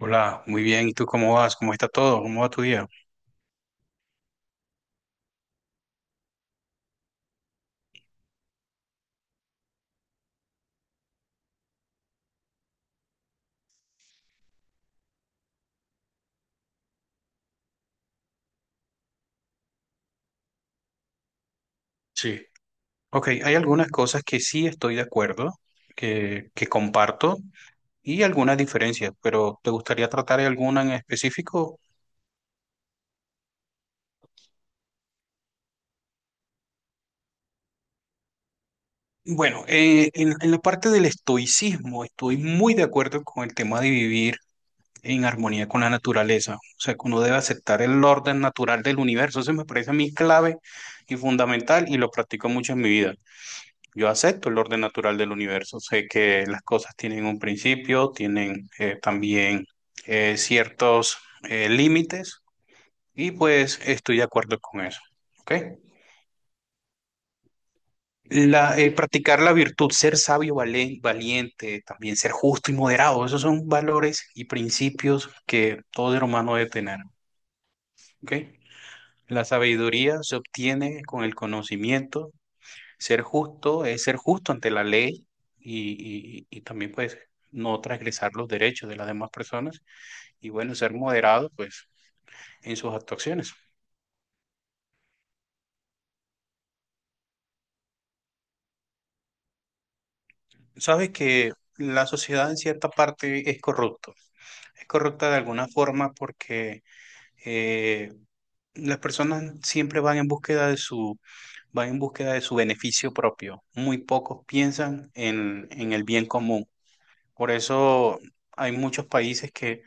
Hola, muy bien. ¿Y tú cómo vas? ¿Cómo está todo? ¿Cómo va tu día? Sí. Ok, hay algunas cosas que sí estoy de acuerdo, que comparto y algunas diferencias, pero ¿te gustaría tratar de alguna en específico? Bueno, en la parte del estoicismo estoy muy de acuerdo con el tema de vivir en armonía con la naturaleza, o sea, que uno debe aceptar el orden natural del universo. Eso me parece a mí clave y fundamental y lo practico mucho en mi vida. Yo acepto el orden natural del universo. Sé que las cosas tienen un principio, tienen también ciertos límites y pues estoy de acuerdo con eso. ¿Ok? La, practicar la virtud, ser sabio, valiente, también ser justo y moderado, esos son valores y principios que todo ser humano debe tener. ¿Ok? La sabiduría se obtiene con el conocimiento. Ser justo es ser justo ante la ley y, y también pues no transgresar los derechos de las demás personas, y bueno, ser moderado pues en sus actuaciones. Sabes que la sociedad en cierta parte es corrupta de alguna forma porque eh, las personas siempre van en búsqueda de van en búsqueda de su beneficio propio. Muy pocos piensan en el bien común. Por eso hay muchos países que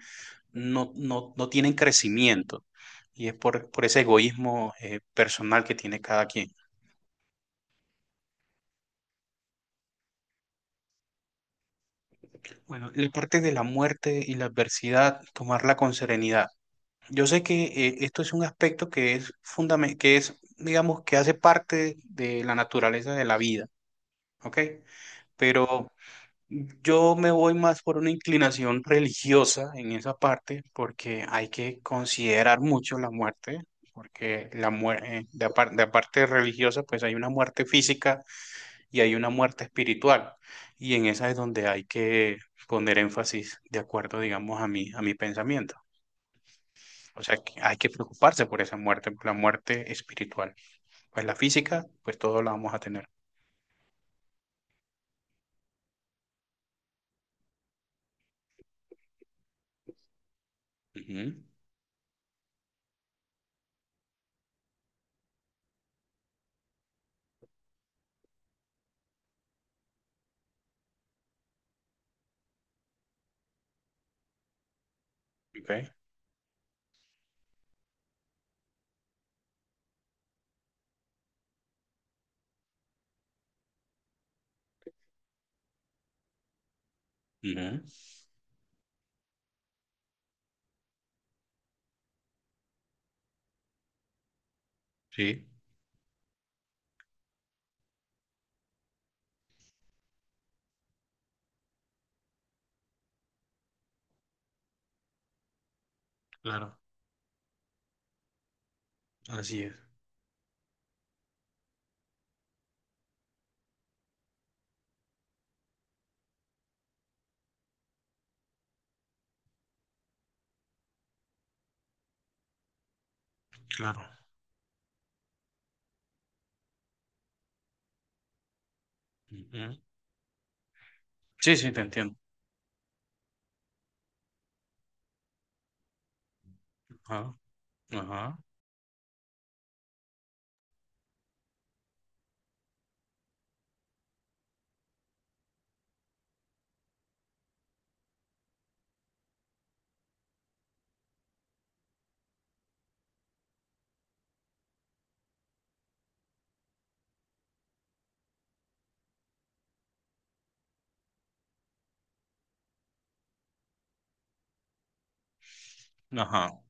no tienen crecimiento, y es por ese egoísmo personal que tiene cada quien. Bueno, la parte de la muerte y la adversidad, tomarla con serenidad. Yo sé que esto es un aspecto que es fundamental, que es, digamos, que hace parte de la naturaleza de la vida, ¿ok? Pero yo me voy más por una inclinación religiosa en esa parte, porque hay que considerar mucho la muerte, porque la muerte, de de aparte religiosa, pues hay una muerte física y hay una muerte espiritual, y en esa es donde hay que poner énfasis, de acuerdo, digamos, a a mi pensamiento. O sea, que hay que preocuparse por esa muerte, por la muerte espiritual. Pues la física, pues todos la vamos a tener. Ujú, ok, ujú, sí, claro, así es, claro. Ujú. Sí, sí, te entiendo. Ajá, ajá, ajá,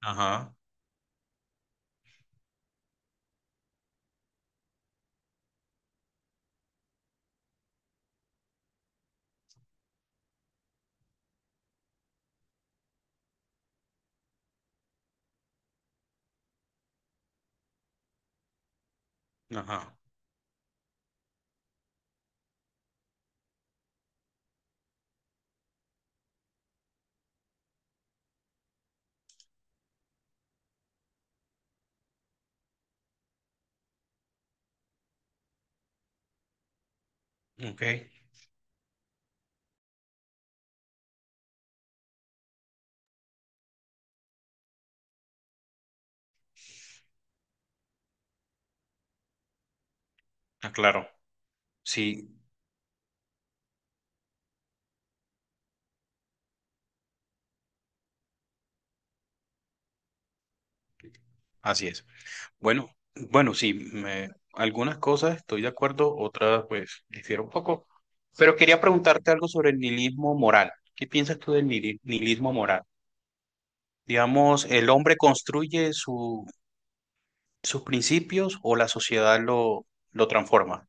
ajá, ajá. Ok, ah, claro. Sí, así es. Bueno, bueno, sí, algunas cosas estoy de acuerdo, otras pues difiero un poco. Pero quería preguntarte algo sobre el nihilismo moral. ¿Qué piensas tú del nihilismo moral? Digamos, ¿el hombre construye sus principios o la sociedad lo transforma?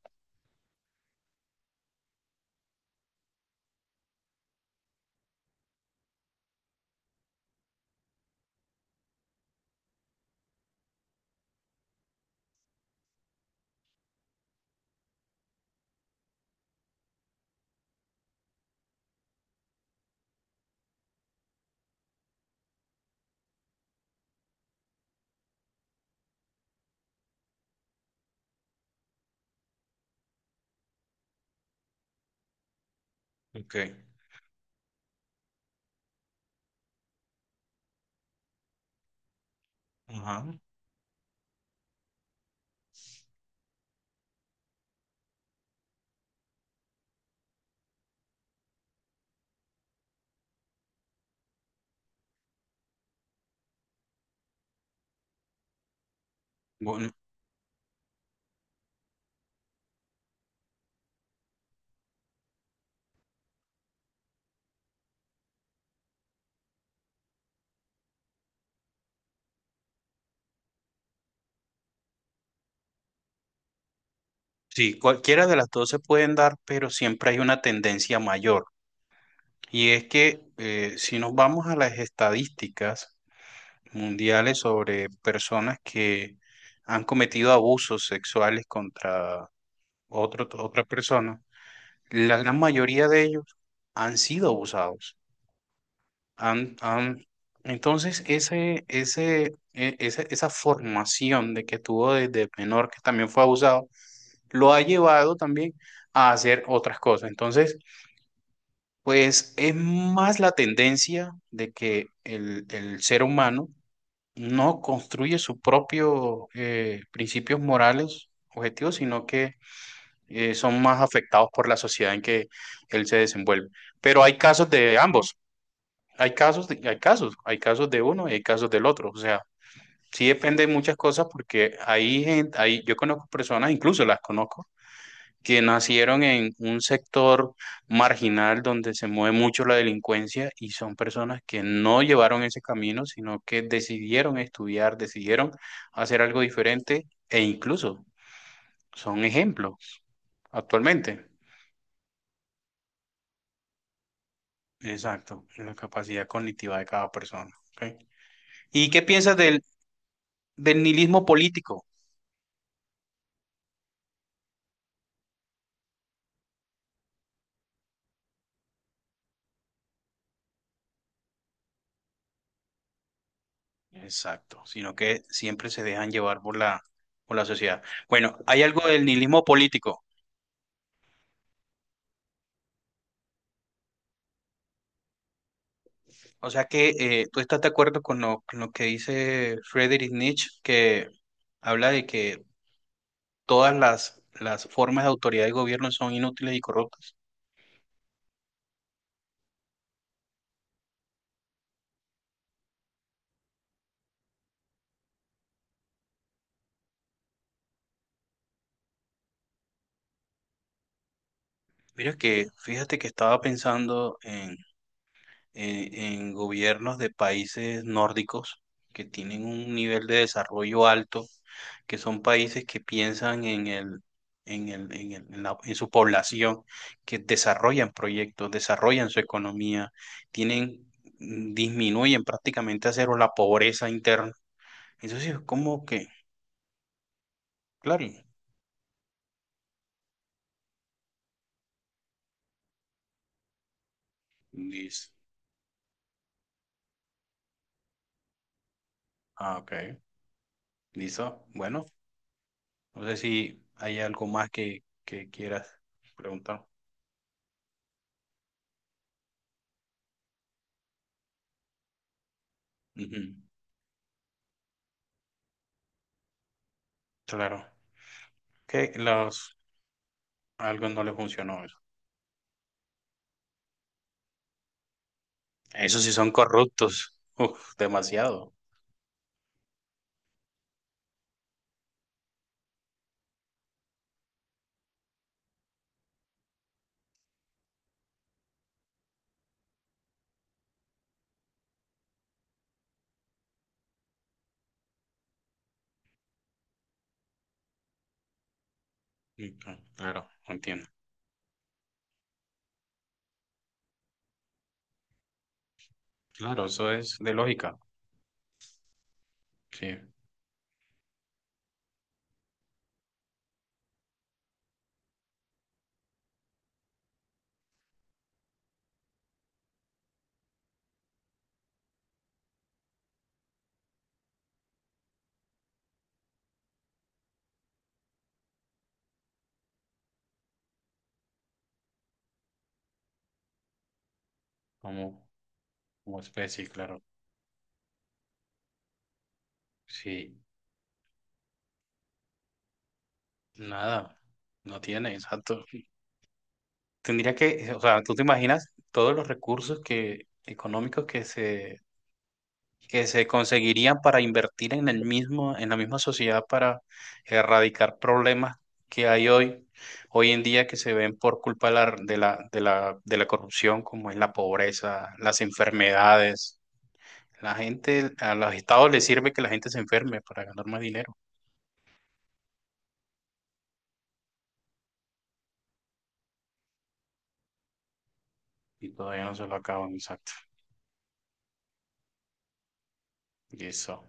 Ok, ajá. Bu- sí, cualquiera de las dos se pueden dar, pero siempre hay una tendencia mayor. Y es que si nos vamos a las estadísticas mundiales sobre personas que han cometido abusos sexuales contra otra persona, la gran mayoría de ellos han sido abusados. Han, han- Entonces, esa formación de que tuvo desde menor, que también fue abusado, lo ha llevado también a hacer otras cosas. Entonces, pues es más la tendencia de que el ser humano no construye sus propios principios morales, objetivos, sino que son más afectados por la sociedad en que él se desenvuelve. Pero hay casos de ambos, hay casos hay casos, hay casos de uno y hay casos del otro. O sea, sí depende de muchas cosas porque hay gente, hay, yo conozco personas, incluso las conozco, que nacieron en un sector marginal donde se mueve mucho la delincuencia, y son personas que no llevaron ese camino, sino que decidieron estudiar, decidieron hacer algo diferente e incluso son ejemplos actualmente. Exacto, la capacidad cognitiva de cada persona. ¿Ok? ¿Y qué piensas del nihilismo político? Exacto, sino que siempre se dejan llevar por por la sociedad. Bueno, hay algo del nihilismo político. O sea que tú estás de acuerdo con con lo que dice Friedrich Nietzsche, que habla de que todas las formas de autoridad y gobierno son inútiles y corruptas. Mira que, fíjate que estaba pensando en, en gobiernos de países nórdicos que tienen un nivel de desarrollo alto, que son países que piensan en el, en el, en el- en la- en su población, que desarrollan proyectos, desarrollan su economía, tienen, disminuyen prácticamente a cero la pobreza interna. Eso sí, es como que, claro, listo. Ah, ok, listo. Bueno, no sé si hay algo más que quieras preguntar. Ujú, claro. Que los, a algunos no le funcionó eso. Esos sí son corruptos. Uf, demasiado. Ujú, claro, entiendo. Claro, eso es de lógica, sí, como, como especie, claro. Sí, nada, no tiene, exacto. Tendría que, o sea, tú te imaginas todos los recursos que, económicos, que se, que se conseguirían para invertir en el mismo, en la misma sociedad para erradicar problemas que hay hoy, hoy en día, que se ven por culpa de la corrupción, como es la pobreza, las enfermedades. La gente, a los estados les sirve que la gente se enferme para ganar más dinero, y todavía no se lo acaban, exacto. Y eso,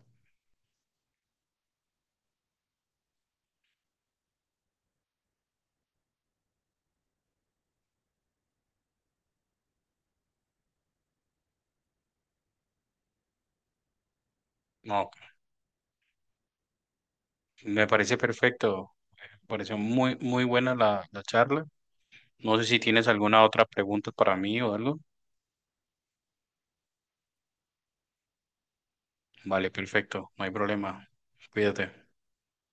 no, me parece perfecto, me pareció muy, muy buena la charla. No sé si tienes alguna otra pregunta para mí o algo. Vale, perfecto, no hay problema. Cuídate.